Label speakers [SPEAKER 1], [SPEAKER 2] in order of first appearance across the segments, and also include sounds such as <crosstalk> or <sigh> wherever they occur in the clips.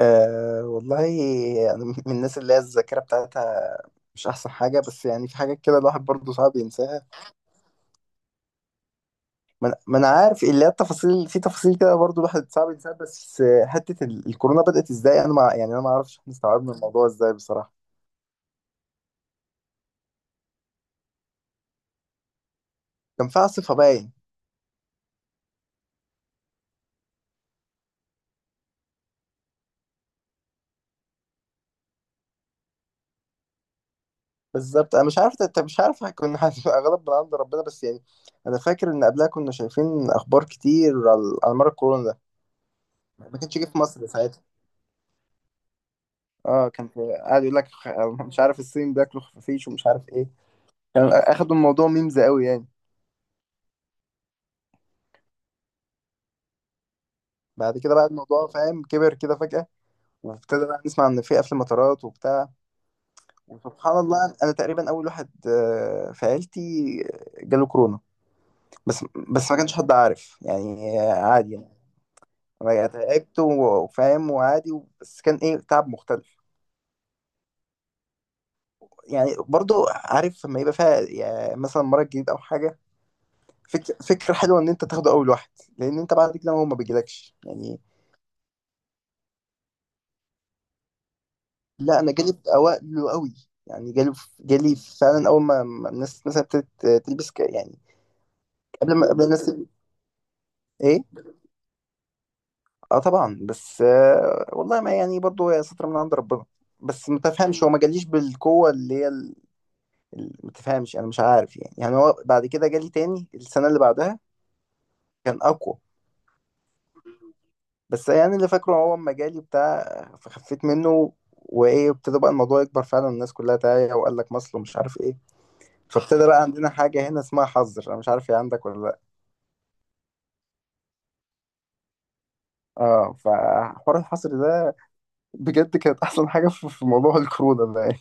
[SPEAKER 1] أه والله، أنا من الناس اللي هي الذاكرة بتاعتها مش أحسن حاجة، بس يعني في حاجات كده الواحد برضه صعب ينساها. ما أنا عارف اللي هي التفاصيل في تفاصيل كده برضه الواحد صعب ينساها، بس حتة الكورونا بدأت إزاي؟ أنا ما أعرفش إحنا استوعبنا الموضوع إزاي بصراحة. كان في عاصفة باين. بالظبط أنا مش عارف، أنت مش عارف كنا <laughs> هتبقى غلط من عند ربنا، بس يعني أنا فاكر إن قبلها كنا شايفين أخبار كتير على مر الكورونا ده، ما كانش جه في مصر ساعتها. اه، كان قاعد يقول لك <laughs> مش عارف، الصين بياكلوا خفافيش ومش عارف ايه. كان اخدوا الموضوع ميمز قوي يعني. بعد كده بقى الموضوع فاهم كبر كده فجأة، وابتدى بقى نسمع ان في قفل مطارات وبتاع. وسبحان الله، انا تقريبا اول واحد في عيلتي جاله كورونا. بس بس ما كانش حد عارف يعني عادي يعني. انا تعبت وفاهم وعادي، بس كان ايه تعب مختلف. يعني برضو عارف لما يبقى فيها يعني مثلا مرض جديد او حاجة. فكرة حلوة إن أنت تاخده أول واحد، لأن أنت بعد كده هو ما بيجيلكش يعني. لا أنا جالي في أوائله قوي، يعني جالي فعلا أول ما الناس مثلا ابتدت تلبس يعني، قبل ما قبل الناس إيه؟ أه طبعا، بس آه والله ما يعني، برضه هي ستر من عند ربنا، بس ما تفهمش هو ما جاليش بالقوة اللي هي ما تفهمش. أنا مش عارف يعني، هو بعد كده جالي تاني السنة اللي بعدها كان أقوى. بس يعني اللي فاكره هو اما جالي بتاع فخفيت منه، وايه ابتدى بقى الموضوع يكبر فعلا، الناس كلها تعالى وقال لك مصل ومش عارف ايه. فابتدى بقى عندنا حاجة هنا اسمها حظر، انا مش عارف هي عندك ولا لا. اه، فحوار الحظر ده بجد كانت احسن حاجة في موضوع الكورونا ده يعني.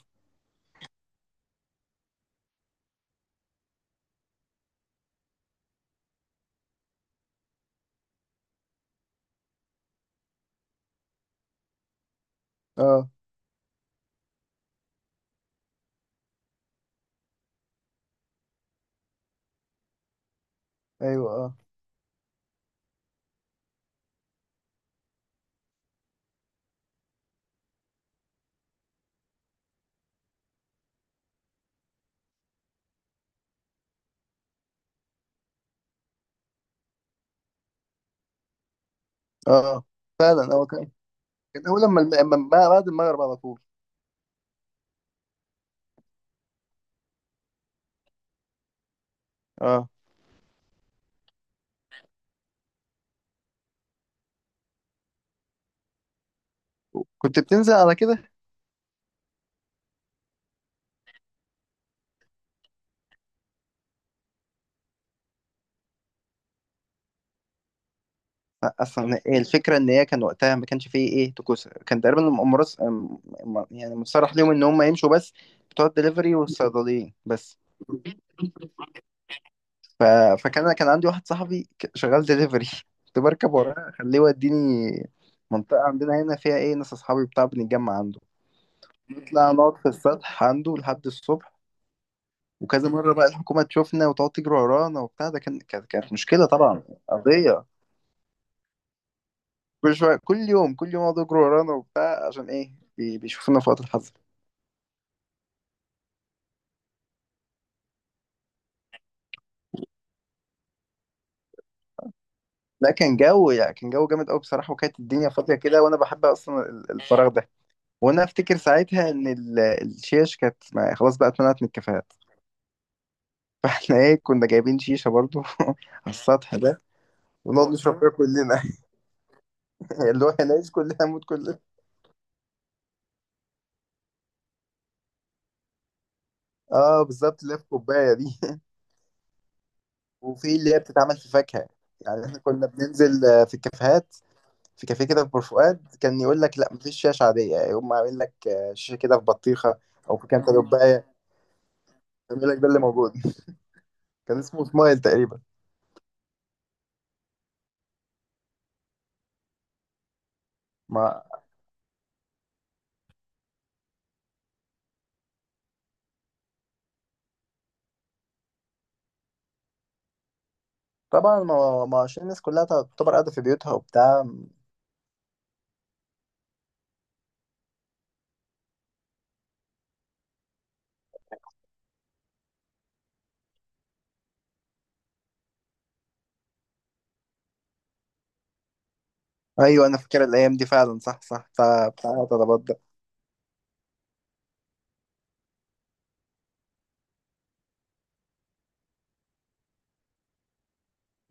[SPEAKER 1] اه ايوه، اه اه فعلا. هو كان، كان اول لما بعد المغرب على طول. اه، كنت بتنزل على كده. اصلا إيه الفكره؟ ان هي كان وقتها ما كانش فيه ايه طقوس، كان تقريبا المؤامرات، يعني متصرح ليهم ان هم يمشوا بس، بتوع الدليفري والصيدليين بس. ف... فكان انا كان عندي واحد صاحبي شغال دليفري <laughs> كنت بركب وراه اخليه يوديني منطقه عندنا هنا، فيها ايه ناس اصحابي بتاع بنتجمع عنده، نطلع نقعد في السطح عنده لحد الصبح. وكذا مره بقى الحكومه تشوفنا وتقعد تجري ورانا وبتاع، ده كانت مشكله طبعا، قضيه. كل شويه، كل يوم كل يوم يقعدوا يجروا ورانا وبتاع، عشان ايه بيشوفونا في وقت الحظ. لا، كان جو، يعني كان جو جامد قوي بصراحه، وكانت الدنيا فاضيه كده، وانا بحب اصلا الفراغ ده. وانا افتكر ساعتها ان الشيش كانت خلاص بقى اتمنعت من الكافيهات <laughs> فاحنا ايه كنا جايبين شيشه برضو <laughs> على السطح ده، ونقعد نشرب فيها كلنا <laughs> اللي هو هنعيش كلنا نموت كلنا. اه بالظبط، اللي هي في كوبايه دي <laughs> وفي اللي هي بتتعمل في فاكهه. يعني احنا كنا بننزل في الكافيهات. في كافيه كده في بور فؤاد كان يقول لك لا مفيش شاشه عاديه، يقوم عامل لك شاشه كده في بطيخه او في كام كوبايه، يقول لك ده اللي موجود. كان اسمه سمايل تقريبا. ما طبعا، ما عشان الناس كلها تعتبر قاعدة في بيوتها وبتاع. ايوه انا فاكر الايام دي فعلا، صح صح، بتاع طلبات ده.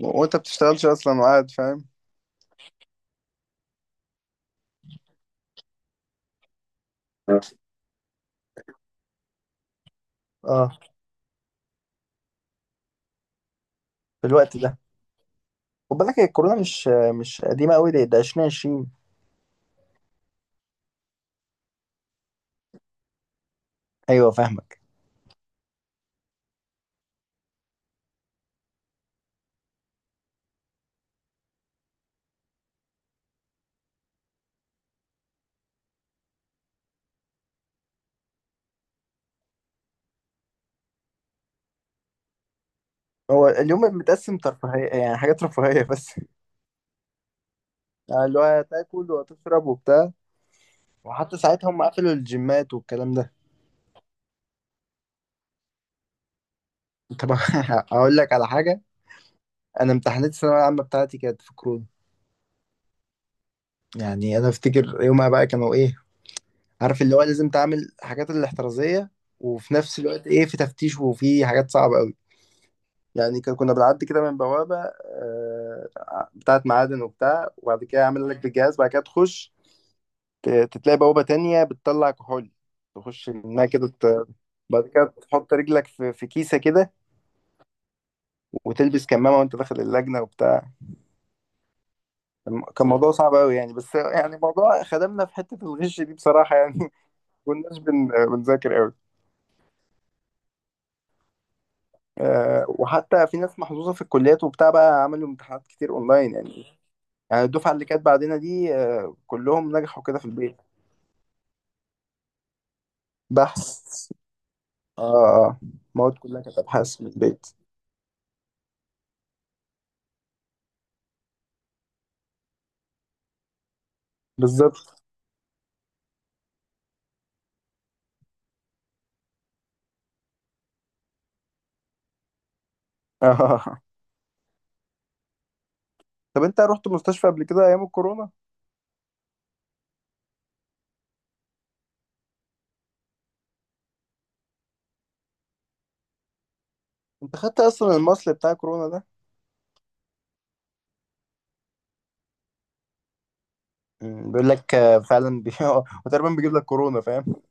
[SPEAKER 1] وانت بتشتغلش اصلا وقاعد فاهم. اه، في الوقت ده خد بالك هي الكورونا مش قديمة قوي، دي ده 2020. ايوه فاهمك. هو اليوم متقسم ترفيهية، يعني حاجات رفاهية بس <laughs> يعني اللي هو هتاكل وهتشرب وبتاع. وحتى ساعتها هم قفلوا الجيمات والكلام ده. طب <laughs> اقول لك على حاجة، انا امتحانات الثانوية العامة بتاعتي كانت في كورونا. يعني انا افتكر يومها بقى كانوا ايه، عارف اللي هو لازم تعمل حاجات الاحترازيه، وفي نفس الوقت ايه، في تفتيش وفي حاجات صعبه قوي. يعني كنا بنعدي كده من بوابه بتاعه معادن وبتاع، وبعد كده يعمل لك بالجهاز، بعد كده تخش، تتلاقي بوابه تانية بتطلع كحول، تخش منها كده بعد كده تحط رجلك في كيسه كده، وتلبس كمامه وانت داخل اللجنه وبتاع. كان موضوع صعب قوي يعني، بس يعني موضوع خدمنا في حته الغش دي بصراحه يعني <laughs> كناش بنذاكر قوي، وحتى في ناس محظوظة في الكليات وبتاع بقى عملوا امتحانات كتير اونلاين يعني. يعني الدفعة اللي كانت بعدنا دي كلهم نجحوا كده في البيت. بحث، اه اه. المواد كلها كانت ابحاث من البيت. بالظبط <laughs> اه. طب انت رحت مستشفى قبل كده ايام الكورونا؟ انت خدت اصلا المصل بتاع كورونا ده؟ مم، بيقول لك فعلا <laughs> وتقريبا بيجيب لك كورونا فاهم.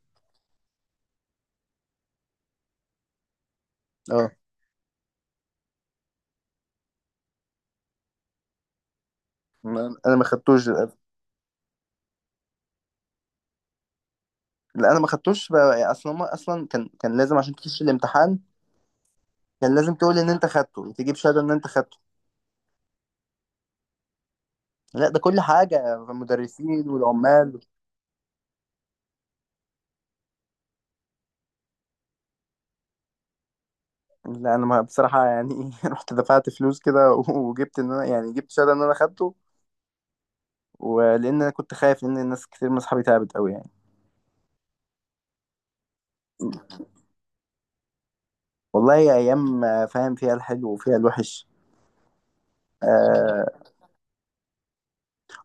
[SPEAKER 1] اه، انا ما خدتوش للأسف. لا انا ما خدتوش بقى اصلا، هما اصلا كان لازم عشان تخش الامتحان، كان لازم تقول ان انت خدته وتجيب شهاده ان انت خدته. لا، ده كل حاجة المدرسين والعمال. لا أنا ما بصراحة يعني <laughs> رحت دفعت فلوس كده <laughs> وجبت إن أنا، يعني جبت شهادة إن أنا خدته. ولأن أنا كنت خايف لأن الناس كتير من أصحابي تعبت أوي يعني. والله هي أيام فاهم، فيها الحلو وفيها الوحش. آه,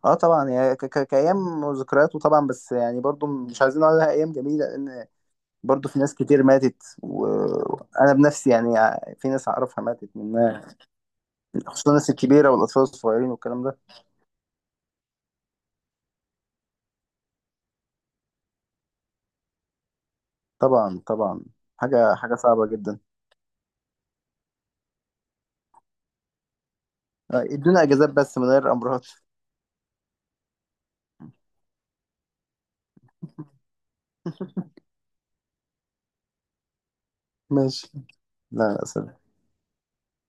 [SPEAKER 1] آه طبعا، هي كأيام وذكريات، وطبعا بس يعني برضو مش عايزين نقول عليها أيام جميلة، لأن برضو في ناس كتير ماتت، وأنا بنفسي يعني في ناس أعرفها ماتت منها، خصوصا الناس الكبيرة والأطفال الصغيرين والكلام ده. طبعا طبعا، حاجة حاجة صعبة جدا. ادونا اجازات بس من غير امراض <laughs> ماشي، لا لا سلام.